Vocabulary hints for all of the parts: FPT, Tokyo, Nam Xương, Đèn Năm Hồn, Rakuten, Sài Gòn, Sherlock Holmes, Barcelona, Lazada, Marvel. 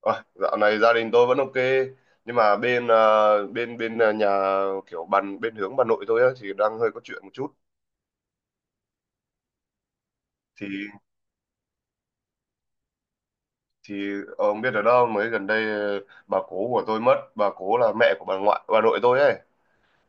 Ôi, dạo này gia đình tôi vẫn ok nhưng mà bên nhà kiểu bàn bên hướng bà nội tôi á, thì đang hơi có chuyện một chút. Thì thì ông biết ở đâu mới gần đây, bà cố của tôi mất, bà cố là mẹ của bà ngoại bà nội tôi ấy.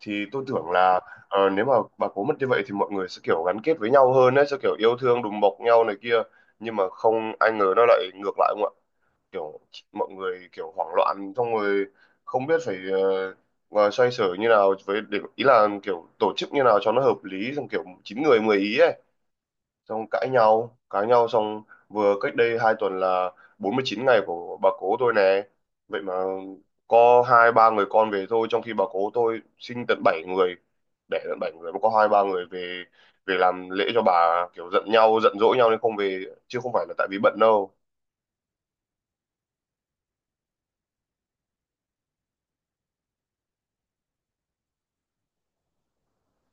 Thì tôi tưởng là nếu mà bà cố mất như vậy thì mọi người sẽ kiểu gắn kết với nhau hơn ấy, sẽ kiểu yêu thương đùm bọc nhau này kia, nhưng mà không ai ngờ nó lại ngược lại, kiểu mọi người kiểu hoảng loạn xong rồi không biết phải mà xoay sở như nào, với để ý là kiểu tổ chức như nào cho nó hợp lý, xong kiểu chín người 10 ý ấy, xong cãi nhau xong. Vừa cách đây 2 tuần là 49 ngày của bà cố tôi nè, vậy mà có hai ba người con về thôi, trong khi bà cố tôi sinh tận bảy người, đẻ tận bảy người mà có hai ba người về, về làm lễ cho bà, kiểu giận nhau giận dỗi nhau nên không về, chứ không phải là tại vì bận đâu.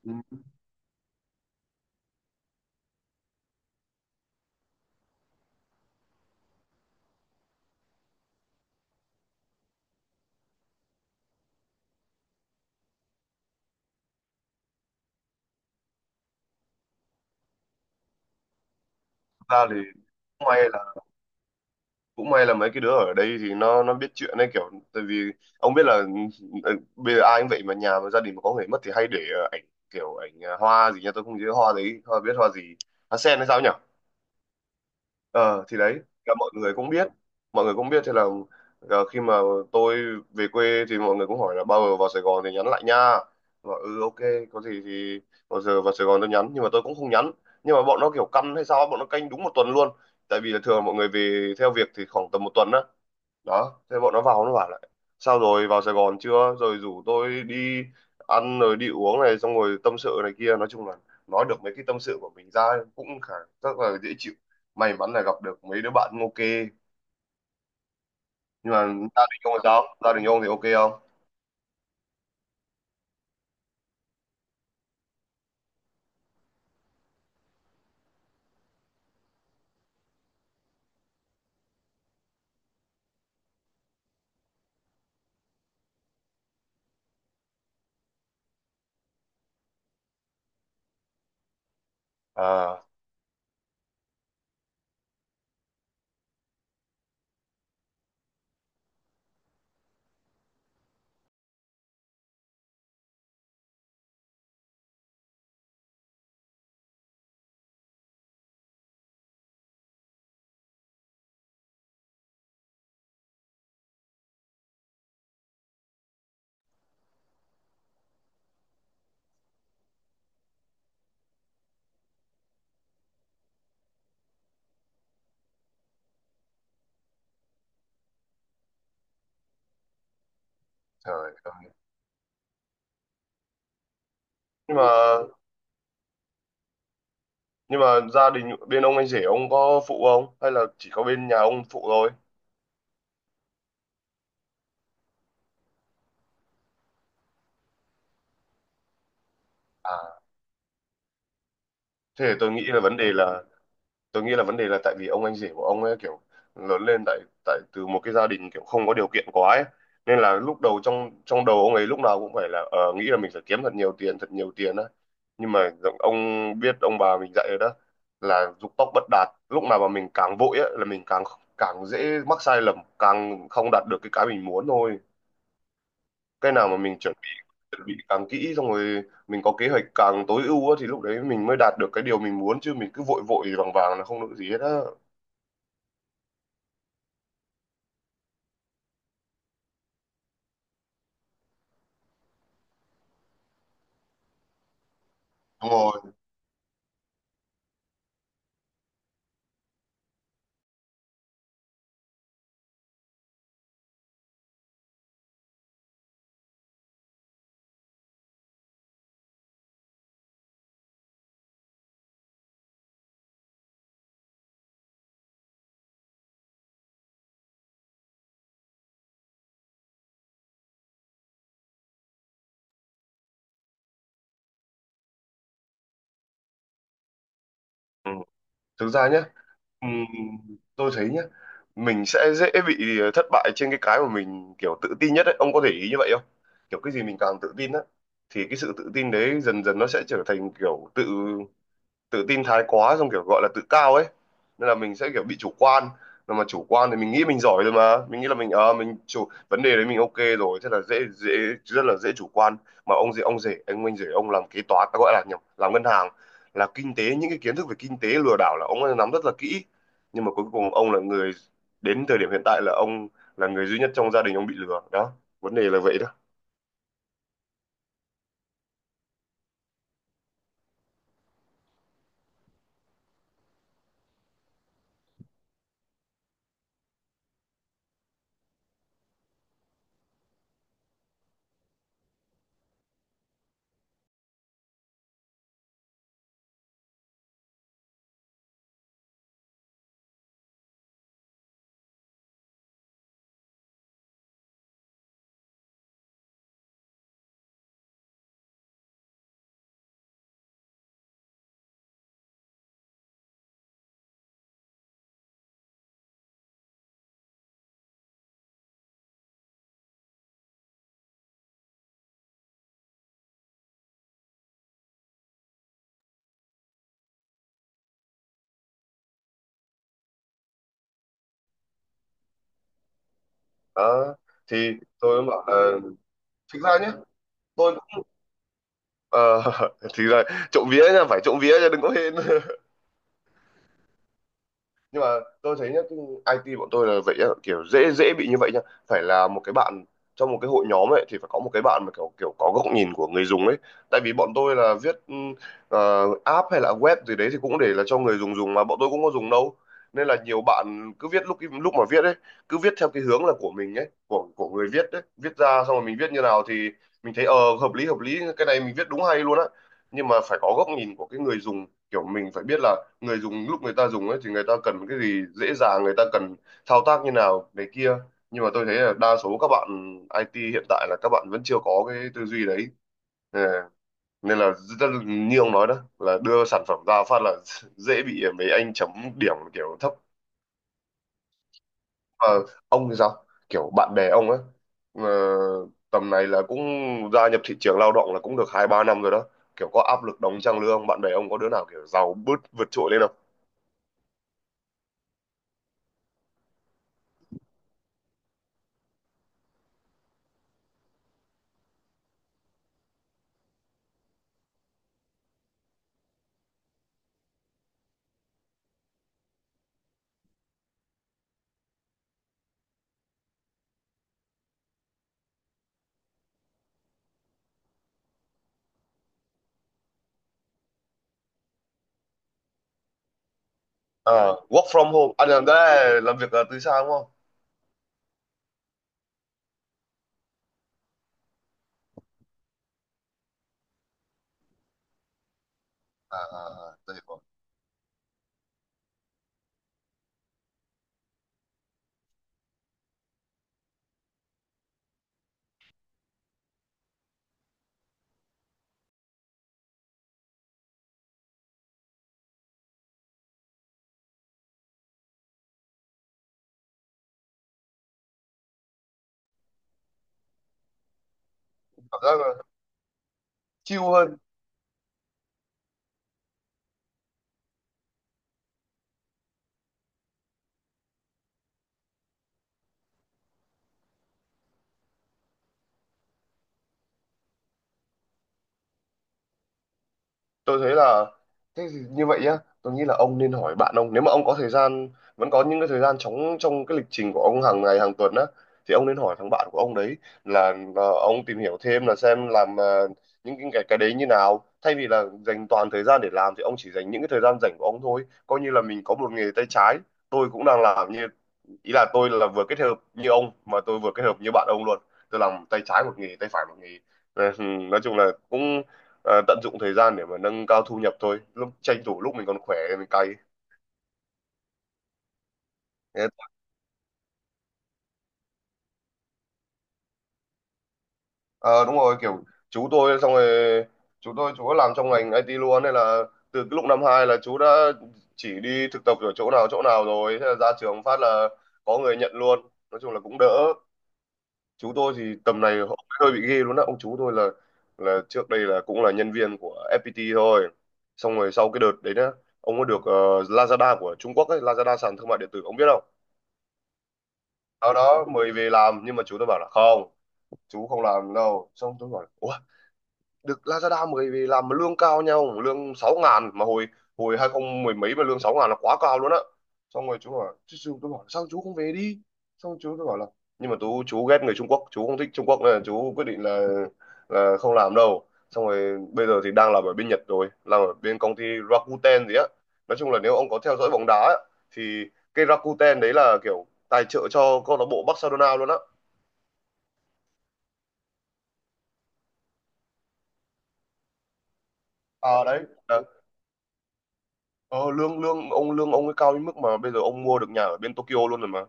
Ừ. Thực ra thì may cũng may là mấy cái đứa ở đây thì nó biết chuyện đấy, kiểu tại vì ông biết là, ừ, bây giờ ai cũng vậy, mà nhà mà gia đình mà có người mất thì hay để ảnh, kiểu ảnh hoa gì nha, tôi không nhớ hoa đấy hoa, biết hoa gì, hoa sen hay sao nhỉ. Ờ thì đấy là mọi người cũng biết, mọi người cũng biết. Thế là khi mà tôi về quê thì mọi người cũng hỏi là bao giờ vào Sài Gòn thì nhắn lại nha, và ừ ok, có gì thì bao giờ vào Sài Gòn tôi nhắn, nhưng mà tôi cũng không nhắn. Nhưng mà bọn nó kiểu căm hay sao, bọn nó canh đúng 1 tuần luôn, tại vì là thường mọi người về theo việc thì khoảng tầm 1 tuần á, đó thế bọn nó vào, nó bảo lại sao rồi, vào Sài Gòn chưa, rồi rủ tôi đi ăn rồi đi uống này, xong rồi tâm sự này kia, nói chung là nói được mấy cái tâm sự của mình ra cũng khá, rất là dễ chịu, may mắn là gặp được mấy đứa bạn cũng ok. Nhưng mà gia đình ông thì sao, gia đình ông thì ok không? À, trời ơi, nhưng mà nhưng mà gia đình bên ông anh rể ông có phụ không, hay là chỉ có bên nhà ông phụ thôi? À, thế thì tôi nghĩ là vấn đề là, tôi nghĩ là vấn đề là tại vì ông anh rể của ông ấy kiểu lớn lên tại tại từ một cái gia đình kiểu không có điều kiện quá ấy, nên là lúc đầu trong trong đầu ông ấy lúc nào cũng phải là, nghĩ là mình phải kiếm thật nhiều tiền, thật nhiều tiền á. Nhưng mà ông biết ông bà mình dạy rồi đó, là dục tốc bất đạt, lúc nào mà mình càng vội á là mình càng càng dễ mắc sai lầm, càng không đạt được cái mình muốn thôi. Cái nào mà mình chuẩn bị càng kỹ, xong rồi mình có kế hoạch càng tối ưu á, thì lúc đấy mình mới đạt được cái điều mình muốn, chứ mình cứ vội vội vàng vàng là không được gì hết á. Đúng rồi. Ừ. Thực ra nhé, tôi thấy nhé, mình sẽ dễ bị thất bại trên cái mà mình kiểu tự tin nhất ấy. Ông có để ý như vậy không? Kiểu cái gì mình càng tự tin á, thì cái sự tự tin đấy dần dần nó sẽ trở thành kiểu tự tự tin thái quá, xong kiểu gọi là tự cao ấy, nên là mình sẽ kiểu bị chủ quan. Mà chủ quan thì mình nghĩ mình giỏi rồi, mà mình nghĩ là mình chủ vấn đề đấy mình ok rồi, thế là dễ dễ rất là dễ chủ quan. Mà ông gì ông rể anh rể ông làm kế toán à, gọi là nhầm, làm ngân hàng, là kinh tế, những cái kiến thức về kinh tế lừa đảo là ông ấy nắm rất là kỹ, nhưng mà cuối cùng ông là người, đến thời điểm hiện tại là ông là người duy nhất trong gia đình ông bị lừa đó, vấn đề là vậy đó. Đó. Thì tôi mới bảo là thực ra nhé, tôi Ờ, thì là trộm vía nha, phải trộm vía nha, đừng có hên. Nhưng mà tôi thấy nhá, cái IT bọn tôi là vậy nhá, kiểu dễ dễ bị như vậy nhá. Phải là một cái bạn trong một cái hội nhóm ấy thì phải có một cái bạn mà kiểu kiểu có góc nhìn của người dùng ấy, tại vì bọn tôi là viết app hay là web gì đấy thì cũng để là cho người dùng dùng, mà bọn tôi cũng có dùng đâu. Nên là nhiều bạn cứ viết, lúc lúc mà viết ấy cứ viết theo cái hướng là của mình ấy, của người viết ấy, viết ra xong rồi mình viết như nào thì mình thấy hợp lý, hợp lý cái này mình viết đúng hay luôn á. Nhưng mà phải có góc nhìn của cái người dùng, kiểu mình phải biết là người dùng lúc người ta dùng ấy thì người ta cần cái gì dễ dàng, người ta cần thao tác như nào này kia. Nhưng mà tôi thấy là đa số các bạn IT hiện tại là các bạn vẫn chưa có cái tư duy đấy. Ờ, nên là rất như ông nói đó, là đưa sản phẩm ra phát là dễ bị mấy anh chấm điểm kiểu thấp. Ờ, ông thì sao, kiểu bạn bè ông ấy ờ, tầm này là cũng gia nhập thị trường lao động là cũng được hai ba năm rồi đó, kiểu có áp lực đóng trang lương, bạn bè ông có đứa nào kiểu giàu bứt vượt trội lên? Ờ, work from home anh làm đó, là làm việc từ xa đúng không? À, à, à, tôi hiểu. Cảm giác là chill hơn. Tôi thấy là, thế thì như vậy nhá, tôi nghĩ là ông nên hỏi bạn ông, nếu mà ông có thời gian, vẫn có những cái thời gian trống trong cái lịch trình của ông hàng ngày hàng tuần á, thì ông nên hỏi thằng bạn của ông đấy, là ông tìm hiểu thêm, là xem làm những cái đấy như nào, thay vì là dành toàn thời gian để làm thì ông chỉ dành những cái thời gian rảnh của ông thôi, coi như là mình có một nghề tay trái. Tôi cũng đang làm như, ý là tôi là vừa kết hợp như ông mà tôi vừa kết hợp như bạn ông luôn, tôi làm tay trái một nghề, tay phải một nghề. Ờ, nói chung là cũng tận dụng thời gian để mà nâng cao thu nhập thôi, lúc tranh thủ lúc mình còn khỏe thì mình cày. Thế- Ờ đúng rồi, kiểu chú tôi xong rồi chú đã làm trong ngành IT luôn, nên là từ cái lúc năm hai là chú đã chỉ đi thực tập ở chỗ nào rồi, thế là ra trường phát là có người nhận luôn, nói chung là cũng đỡ. Chú tôi thì tầm này họ hơi bị ghê luôn á, ông chú tôi là trước đây là cũng là nhân viên của FPT thôi, xong rồi sau cái đợt đấy nhá ông có được Lazada của Trung Quốc ấy, Lazada sàn thương mại điện tử ông biết không? Sau đó mới về làm, nhưng mà chú tôi bảo là không, chú không làm đâu. Xong tôi bảo là "Ủa, được Lazada mới vì làm mà lương cao nha ông, lương 6.000 mà hồi hồi 2000 mười mấy mà lương 6.000 là quá cao luôn á." Xong rồi chú tôi bảo sao chú không về đi, xong chú tôi bảo là, nhưng mà chú ghét người Trung Quốc, chú không thích Trung Quốc nên là chú quyết định là không làm đâu. Xong rồi bây giờ thì đang làm ở bên Nhật rồi, làm ở bên công ty Rakuten gì á. Nói chung là nếu ông có theo dõi bóng đá á, thì cái Rakuten đấy là kiểu tài trợ cho câu lạc bộ Barcelona luôn á. À đấy. Ờ, lương lương ông, lương ông ấy cao đến mức mà bây giờ ông mua được nhà ở bên Tokyo luôn rồi mà.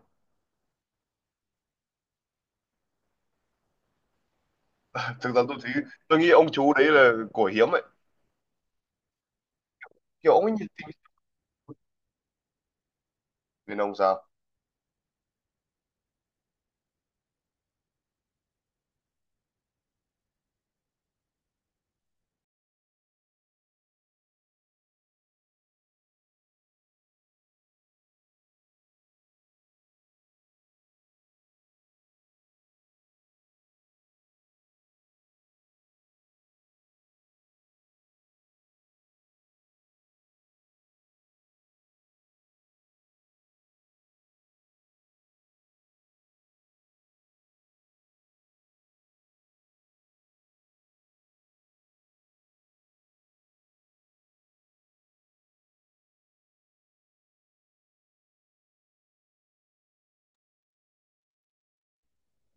Thực ra tôi thấy, tôi nghĩ ông chú đấy là của hiếm ấy, kiểu ông ấy nhiệt tình. Bên ông sao?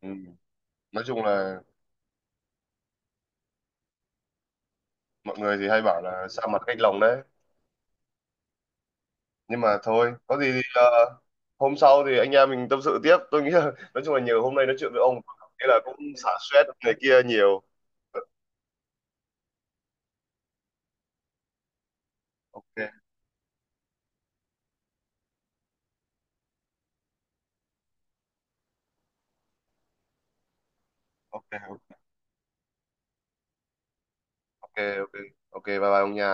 Ừ. Nói chung là mọi người thì hay bảo là xa mặt cách lòng đấy. Nhưng mà thôi có gì thì hôm sau thì anh em mình tâm sự tiếp, tôi nghĩ là nói chung là nhiều, hôm nay nói chuyện với ông thế là cũng xả stress này kia nhiều. Ok, ok, ok, ok, ok bye bye ông nha.